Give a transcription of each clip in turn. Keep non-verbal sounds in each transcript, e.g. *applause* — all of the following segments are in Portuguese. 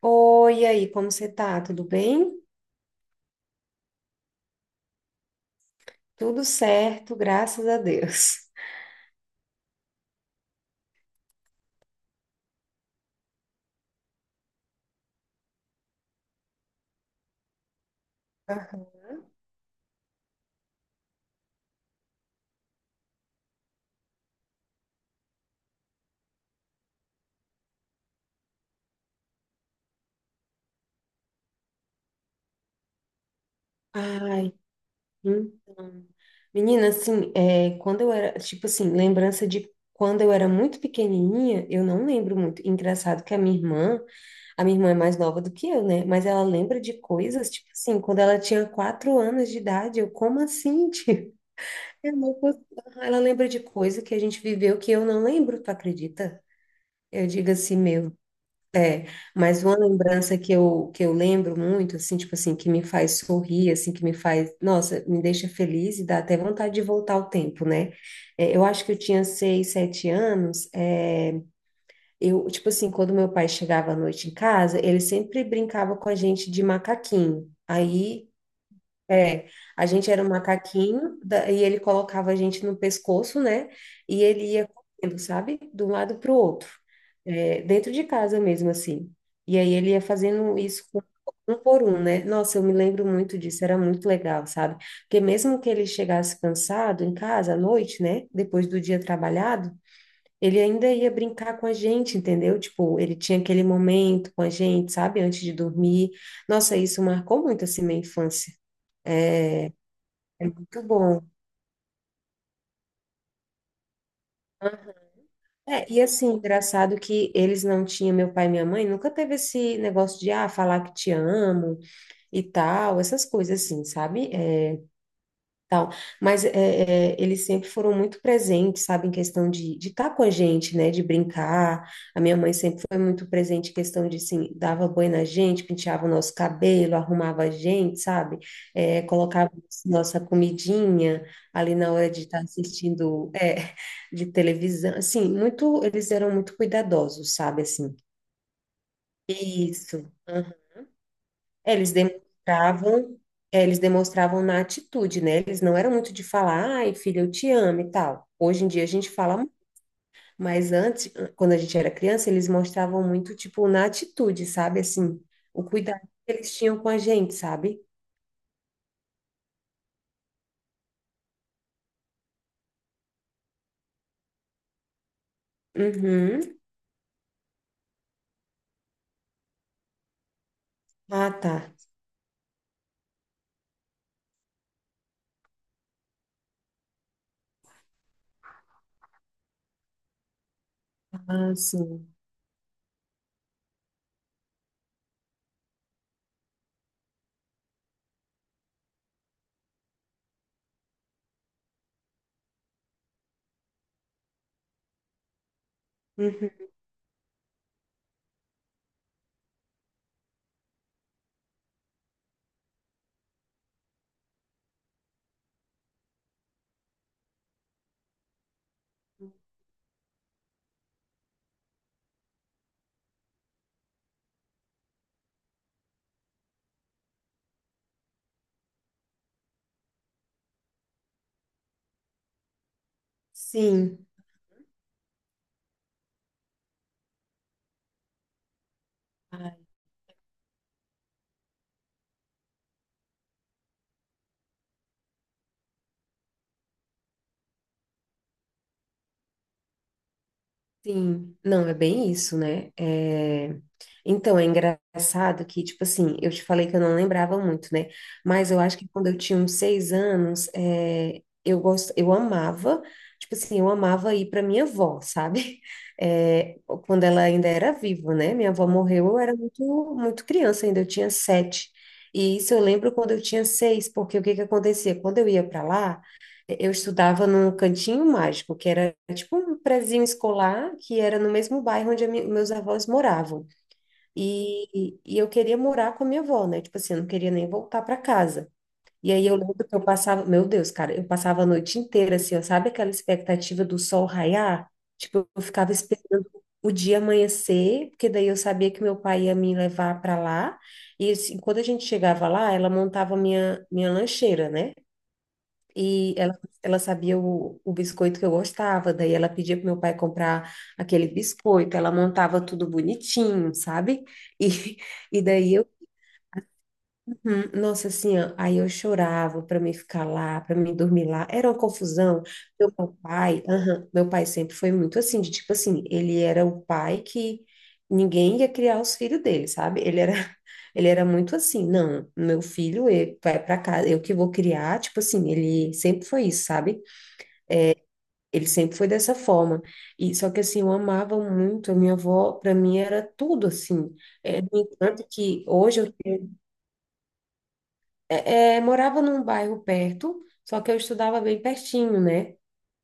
Oi, e aí, como você tá? Tudo bem? Tudo certo, graças a Deus. Aham. Ai, então. Menina, assim, é, quando eu era, tipo assim, lembrança de quando eu era muito pequenininha, eu não lembro muito. Engraçado que a minha irmã é mais nova do que eu, né? Mas ela lembra de coisas, tipo assim, quando ela tinha 4 anos de idade, eu, como assim, tio? *laughs* Eu não consigo. Ela lembra de coisa que a gente viveu que eu não lembro, tu acredita? Eu digo assim, meu. É, mas uma lembrança que eu lembro muito, assim, tipo assim, que me faz sorrir, assim, que me faz, nossa, me deixa feliz e dá até vontade de voltar ao tempo, né? É, eu acho que eu tinha 6, 7 anos, é, eu, tipo assim, quando meu pai chegava à noite em casa, ele sempre brincava com a gente de macaquinho. Aí é, a gente era um macaquinho e ele colocava a gente no pescoço, né? E ele ia correndo, sabe? De um lado para o outro, é, dentro de casa mesmo, assim. E aí ele ia fazendo isso um por um, né? Nossa, eu me lembro muito disso, era muito legal, sabe? Porque mesmo que ele chegasse cansado em casa à noite, né? Depois do dia trabalhado, ele ainda ia brincar com a gente, entendeu? Tipo, ele tinha aquele momento com a gente, sabe? Antes de dormir. Nossa, isso marcou muito assim minha infância. Muito bom. É, e assim, engraçado que eles não tinham, meu pai e minha mãe, nunca teve esse negócio de, ah, falar que te amo e tal, essas coisas assim, sabe? É, tal. Mas é, é, eles sempre foram muito presentes, sabe, em questão de estar com a gente, né, de brincar. A minha mãe sempre foi muito presente em questão de, assim, dava banho na gente, penteava o nosso cabelo, arrumava a gente, sabe, é, colocava nossa comidinha ali na hora de estar assistindo, é, de televisão. Assim, muito, eles eram muito cuidadosos, sabe, assim. Isso. É, eles demonstravam, é, eles demonstravam na atitude, né? Eles não eram muito de falar, ai, filha, eu te amo e tal. Hoje em dia a gente fala, mas antes, quando a gente era criança, eles mostravam muito, tipo, na atitude, sabe? Assim, o cuidado que eles tinham com a gente, sabe? Uhum. Ah, tá. Ah, sim. Uhum. Sim. Ah, sim, não, é bem isso, né? É. Então, é engraçado que, tipo assim, eu te falei que eu não lembrava muito, né? Mas eu acho que quando eu tinha uns 6 anos, é, eu amava, tipo assim, eu amava ir para minha avó, sabe? *laughs* É, quando ela ainda era viva, né? Minha avó morreu, eu era muito, muito criança ainda, eu tinha 7. E isso eu lembro quando eu tinha 6, porque o que que acontecia? Quando eu ia para lá, eu estudava num cantinho mágico, que era tipo um prezinho escolar, que era no mesmo bairro onde meus avós moravam. E eu queria morar com a minha avó, né? Tipo assim, eu não queria nem voltar para casa. E aí eu lembro que eu passava, meu Deus, cara, eu passava a noite inteira assim, ó, sabe aquela expectativa do sol raiar? Tipo, eu ficava esperando o dia amanhecer, porque daí eu sabia que meu pai ia me levar para lá. E assim, quando a gente chegava lá, ela montava minha lancheira, né? E ela sabia o biscoito que eu gostava, daí ela pedia pro meu pai comprar aquele biscoito, ela montava tudo bonitinho, sabe? E, e daí eu, uhum, nossa, assim, ó, aí eu chorava para mim ficar lá, para mim dormir lá, era uma confusão. Meu meu pai sempre foi muito assim, de tipo assim, ele era o pai que ninguém ia criar os filhos dele, sabe? Ele era *laughs* ele era muito assim, não, meu filho ele vai para casa, eu que vou criar, tipo assim, ele sempre foi isso, sabe? Ele sempre foi dessa forma. E só que assim, eu amava muito a minha avó, para mim era tudo assim. É, no entanto que hoje eu tenho. É, morava num bairro perto, só que eu estudava bem pertinho, né?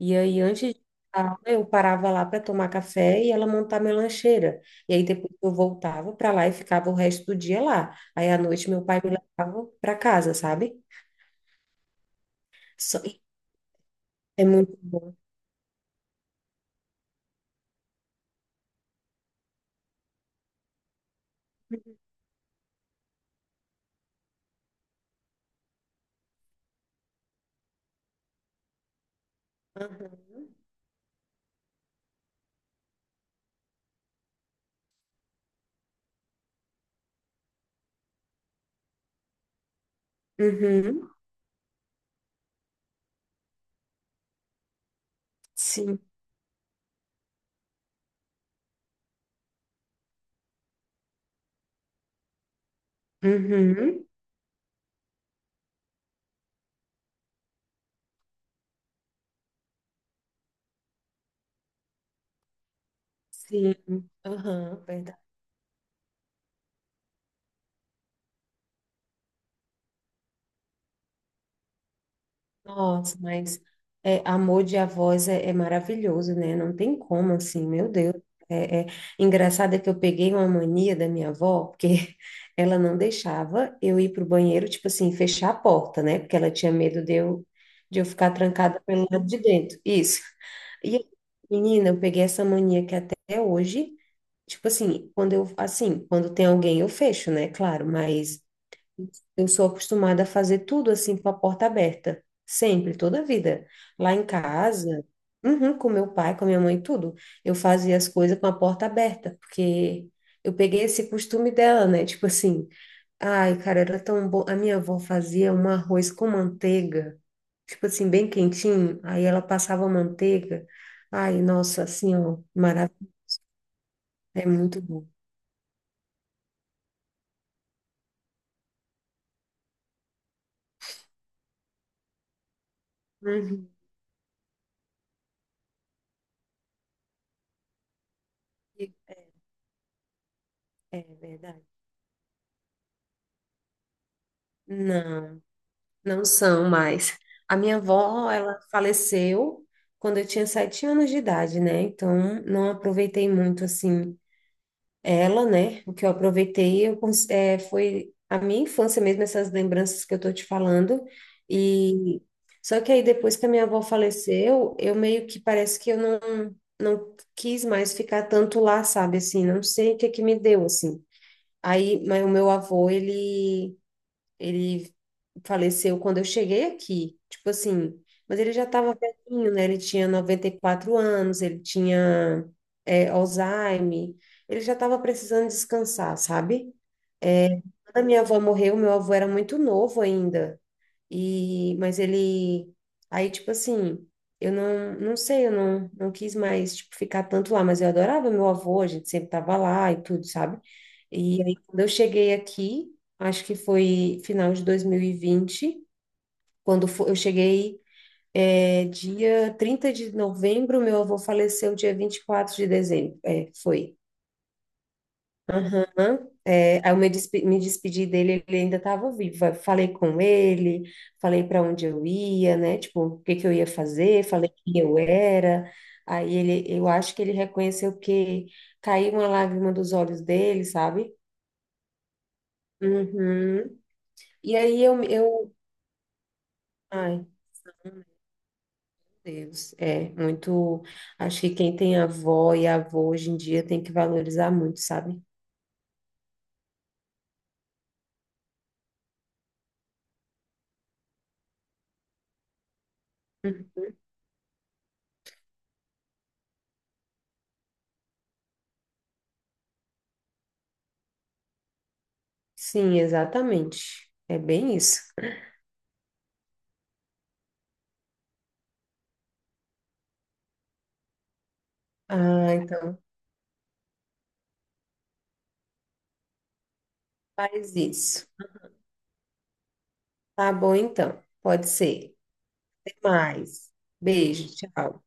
E aí antes de aula, eu parava lá para tomar café e ela montar minha lancheira. E aí depois eu voltava para lá e ficava o resto do dia lá. Aí à noite meu pai me levava para casa, sabe? Só. É muito bom. Aham. Uhum. Sim. Uhum. Sim, aham, verdade. Nossa, mas é, amor de avós é, é maravilhoso, né? Não tem como, assim, meu Deus. É, é. Engraçado é que eu peguei uma mania da minha avó, porque *laughs* ela não deixava eu ir para o banheiro, tipo assim, fechar a porta, né? Porque ela tinha medo de eu ficar trancada pelo lado de dentro. Isso. E, aí, menina, eu peguei essa mania que até hoje, tipo assim, quando eu, assim, quando tem alguém, eu fecho, né? Claro, mas. Eu sou acostumada a fazer tudo assim com a porta aberta, sempre, toda a vida. Lá em casa, uhum, com meu pai, com a minha mãe, tudo. Eu fazia as coisas com a porta aberta, porque eu peguei esse costume dela, né? Tipo assim, ai, cara, era tão bom. A minha avó fazia um arroz com manteiga, tipo assim, bem quentinho. Aí ela passava manteiga. Ai, nossa, assim, ó, maravilha. É muito bom. Uhum. É verdade. Não. Não são mais. A minha avó, ela faleceu quando eu tinha 7 anos de idade, né? Então, não aproveitei muito, assim, ela, né? O que eu aproveitei eu, foi a minha infância mesmo, essas lembranças que eu tô te falando. E só que aí, depois que a minha avó faleceu, eu meio que parece que eu não quis mais ficar tanto lá, sabe? Assim, não sei o que que me deu, assim. Aí, mas o meu avô, ele ele faleceu quando eu cheguei aqui. Tipo assim, mas ele já estava velhinho, né? Ele tinha 94 anos, ele tinha é, Alzheimer, ele já estava precisando descansar, sabe? Quando a minha avó morreu, meu avô era muito novo ainda. E, mas ele, aí, tipo assim, eu não sei, eu não quis mais, tipo, ficar tanto lá, mas eu adorava meu avô, a gente sempre tava lá e tudo, sabe? E aí, quando eu cheguei aqui, acho que foi final de 2020 quando eu cheguei, é, dia 30 de novembro, meu avô faleceu dia 24 de dezembro, é, foi. Aham. É, aí eu me despedi dele, ele ainda estava vivo. Eu falei com ele, falei para onde eu ia, né? Tipo, o que que eu ia fazer, falei quem eu era. Aí ele, eu acho que ele reconheceu que caiu uma lágrima dos olhos dele, sabe? Uhum. E aí ai, meu Deus, é muito. Acho que quem tem avó e avô hoje em dia tem que valorizar muito, sabe? Uhum. Sim, exatamente. É bem isso. Ah, então faz isso. Tá bom, então. Pode ser. Até mais. Beijo, tchau.